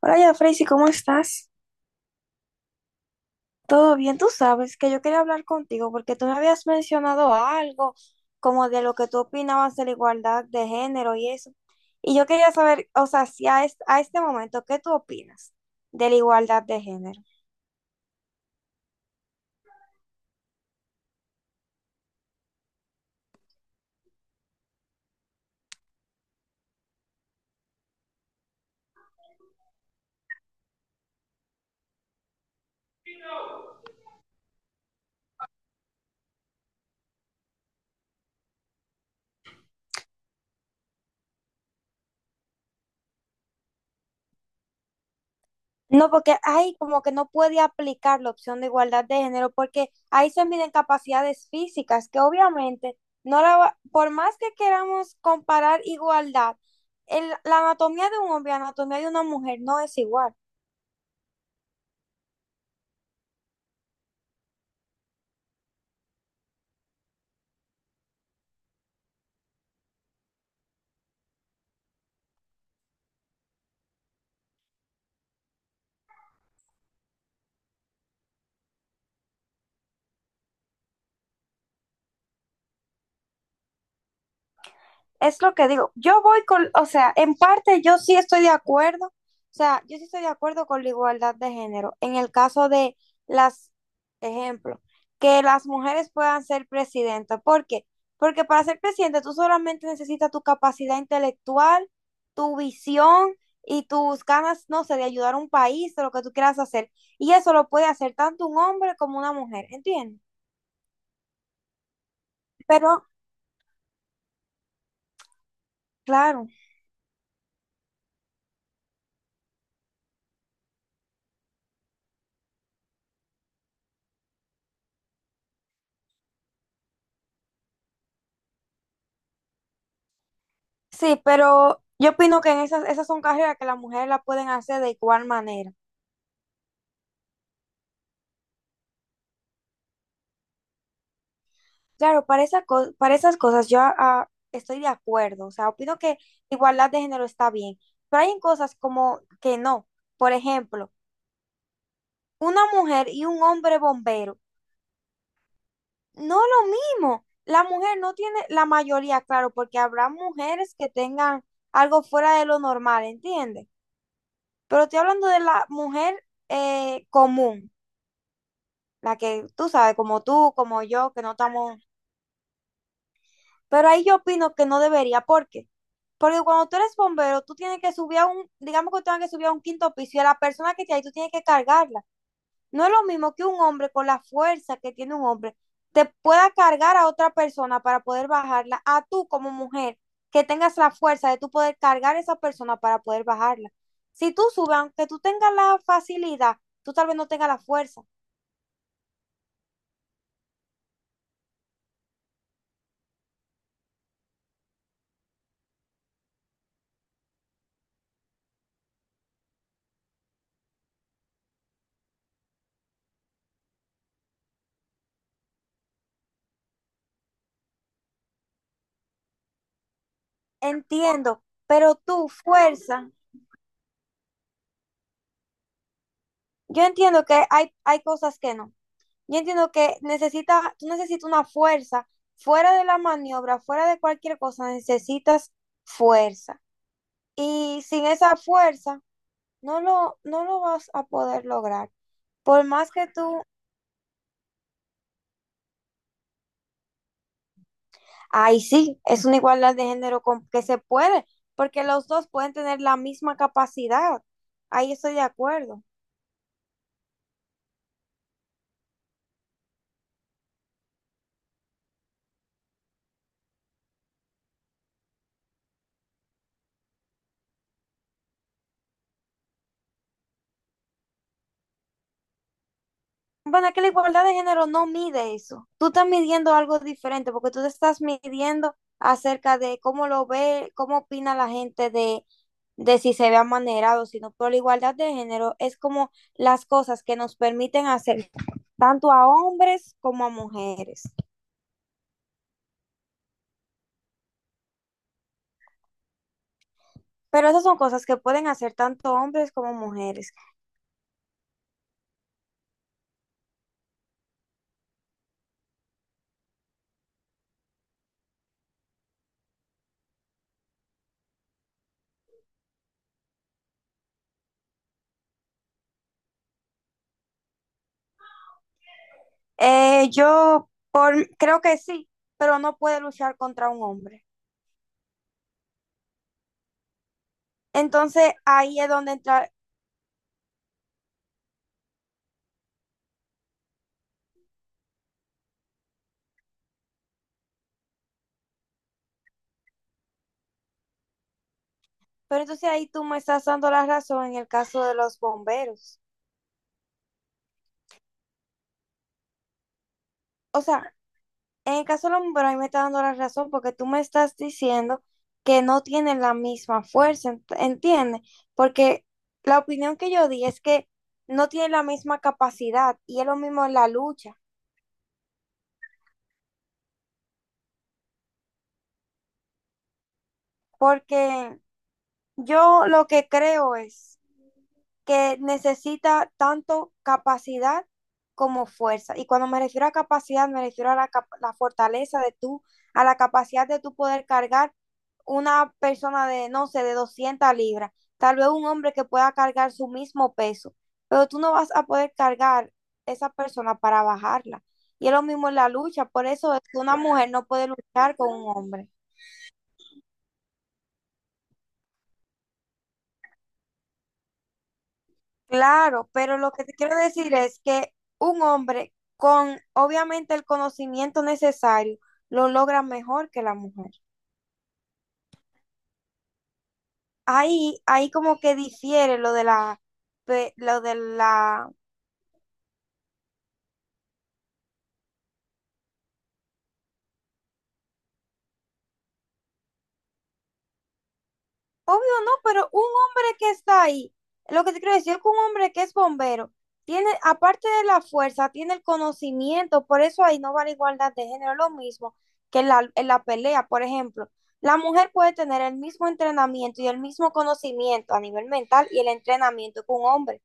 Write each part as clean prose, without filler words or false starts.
Hola, ya, Freisy, ¿cómo estás? Todo bien, tú sabes que yo quería hablar contigo porque tú me habías mencionado algo como de lo que tú opinabas de la igualdad de género y eso. Y yo quería saber, o sea, si a, a este momento, ¿qué tú opinas de la igualdad de género? No, porque ahí como que no puede aplicar la opción de igualdad de género, porque ahí se miden capacidades físicas, que obviamente no la va- por más que queramos comparar igualdad, la anatomía de un hombre y la anatomía de una mujer no es igual. Es lo que digo. Yo voy con, o sea, en parte yo sí estoy de acuerdo, o sea, yo sí estoy de acuerdo con la igualdad de género. En el caso de las, ejemplo, que las mujeres puedan ser presidentas. ¿Por qué? Porque para ser presidente tú solamente necesitas tu capacidad intelectual, tu visión y tus ganas, no sé, de ayudar a un país, de lo que tú quieras hacer. Y eso lo puede hacer tanto un hombre como una mujer, ¿entiendes? Pero, claro. Sí, pero yo opino que en esas, esas son carreras que las mujeres la pueden hacer de igual manera. Claro, para para esas cosas yo estoy de acuerdo, o sea, opino que igualdad de género está bien, pero hay en cosas como que no. Por ejemplo, una mujer y un hombre bombero, no lo mismo. La mujer no tiene la mayoría, claro, porque habrá mujeres que tengan algo fuera de lo normal, ¿entiendes? Pero estoy hablando de la mujer común. La que tú sabes, como tú, como yo, que no estamos... Pero ahí yo opino que no debería, ¿por qué? Porque cuando tú eres bombero, tú tienes que subir a un, digamos que tú tienes que subir a un quinto piso y a la persona que está ahí tú tienes que cargarla. No es lo mismo que un hombre con la fuerza que tiene un hombre te pueda cargar a otra persona para poder bajarla, a tú como mujer, que tengas la fuerza de tú poder cargar a esa persona para poder bajarla. Si tú subes, aunque tú tengas la facilidad, tú tal vez no tengas la fuerza. Entiendo, pero tu fuerza yo entiendo que hay cosas que no. Yo entiendo que necesita, tú necesitas una fuerza fuera de la maniobra, fuera de cualquier cosa, necesitas fuerza. Y sin esa fuerza, no lo vas a poder lograr. Por más que tú, ahí sí, es una igualdad de género con, que se puede, porque los dos pueden tener la misma capacidad. Ahí estoy de acuerdo. Bueno, que la igualdad de género no mide eso. Tú estás midiendo algo diferente porque tú te estás midiendo acerca de cómo lo ve, cómo opina la gente de si se ve amanerado, sino pero la igualdad de género es como las cosas que nos permiten hacer tanto a hombres como a mujeres. Pero esas son cosas que pueden hacer tanto hombres como mujeres. Yo por, creo que sí, pero no puede luchar contra un hombre. Entonces ahí es donde entra. Pero entonces ahí tú me estás dando la razón en el caso de los bomberos. O sea, en el caso de los bomberos ahí me estás dando la razón porque tú me estás diciendo que no tienen la misma fuerza, ¿entiendes? Porque la opinión que yo di es que no tienen la misma capacidad y es lo mismo en la lucha. Porque yo lo que creo es que necesita tanto capacidad como fuerza. Y cuando me refiero a capacidad, me refiero a la, la fortaleza de tú, a la capacidad de tú poder cargar una persona de, no sé, de 200 libras, tal vez un hombre que pueda cargar su mismo peso, pero tú no vas a poder cargar esa persona para bajarla. Y es lo mismo en la lucha, por eso es que una mujer no puede luchar con un hombre. Claro, pero lo que te quiero decir es que un hombre con obviamente el conocimiento necesario lo logra mejor que la mujer. Ahí como que difiere lo de la, lo de la. Obvio no, pero un hombre que está ahí, lo que te quiero decir es que un hombre que es bombero, tiene, aparte de la fuerza, tiene el conocimiento, por eso ahí no va la igualdad de género, lo mismo que en la pelea, por ejemplo. La mujer puede tener el mismo entrenamiento y el mismo conocimiento a nivel mental y el entrenamiento que un hombre,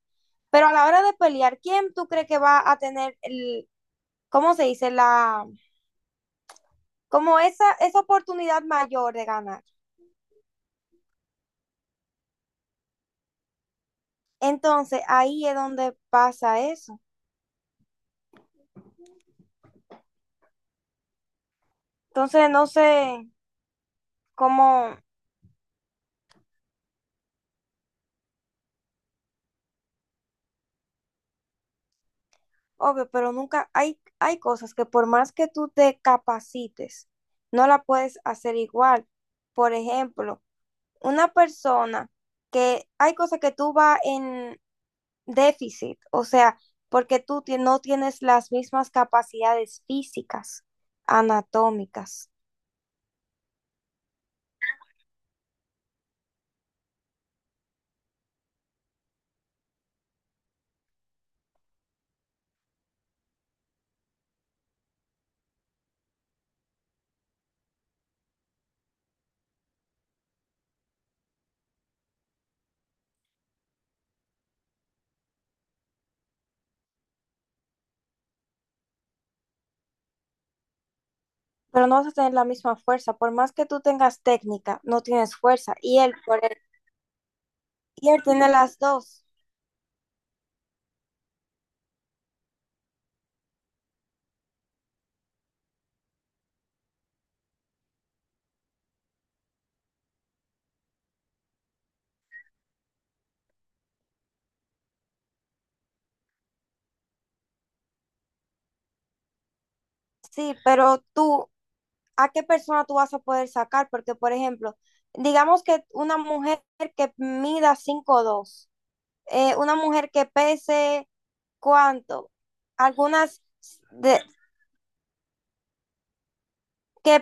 pero a la hora de pelear, ¿quién tú crees que va a tener el, ¿cómo se dice? La, como esa oportunidad mayor de ganar. Entonces, ahí es donde pasa eso. Entonces, no sé cómo, obvio, pero nunca hay, hay cosas que por más que tú te capacites, no la puedes hacer igual. Por ejemplo, una persona que hay cosas que tú vas en déficit, o sea, porque no tienes las mismas capacidades físicas, anatómicas, pero no vas a tener la misma fuerza. Por más que tú tengas técnica, no tienes fuerza. Y él tiene las dos. Sí, pero tú a qué persona tú vas a poder sacar, porque por ejemplo, digamos que una mujer que mida 5'2, una mujer que pese cuánto, algunas de, que,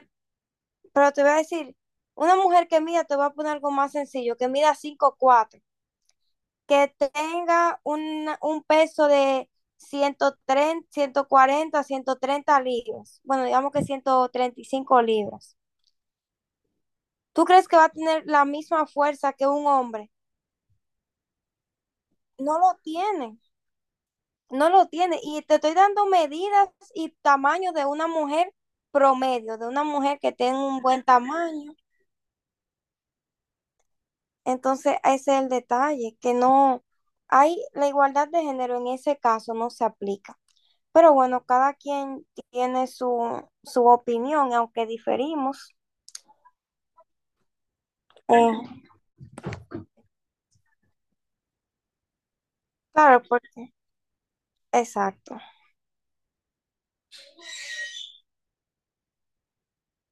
pero te voy a decir, una mujer que mida, te voy a poner algo más sencillo, que mida 5'4" que tenga un peso de ciento 130 140 130 libras, bueno, digamos que 135 libras. ¿Tú crees que va a tener la misma fuerza que un hombre? No lo tiene, no lo tiene. Y te estoy dando medidas y tamaño de una mujer promedio, de una mujer que tenga un buen tamaño. Entonces, ese es el detalle, que no hay la igualdad de género en ese caso, no se aplica. Pero bueno, cada quien tiene su, su opinión, aunque diferimos. Eh, claro, porque, exacto.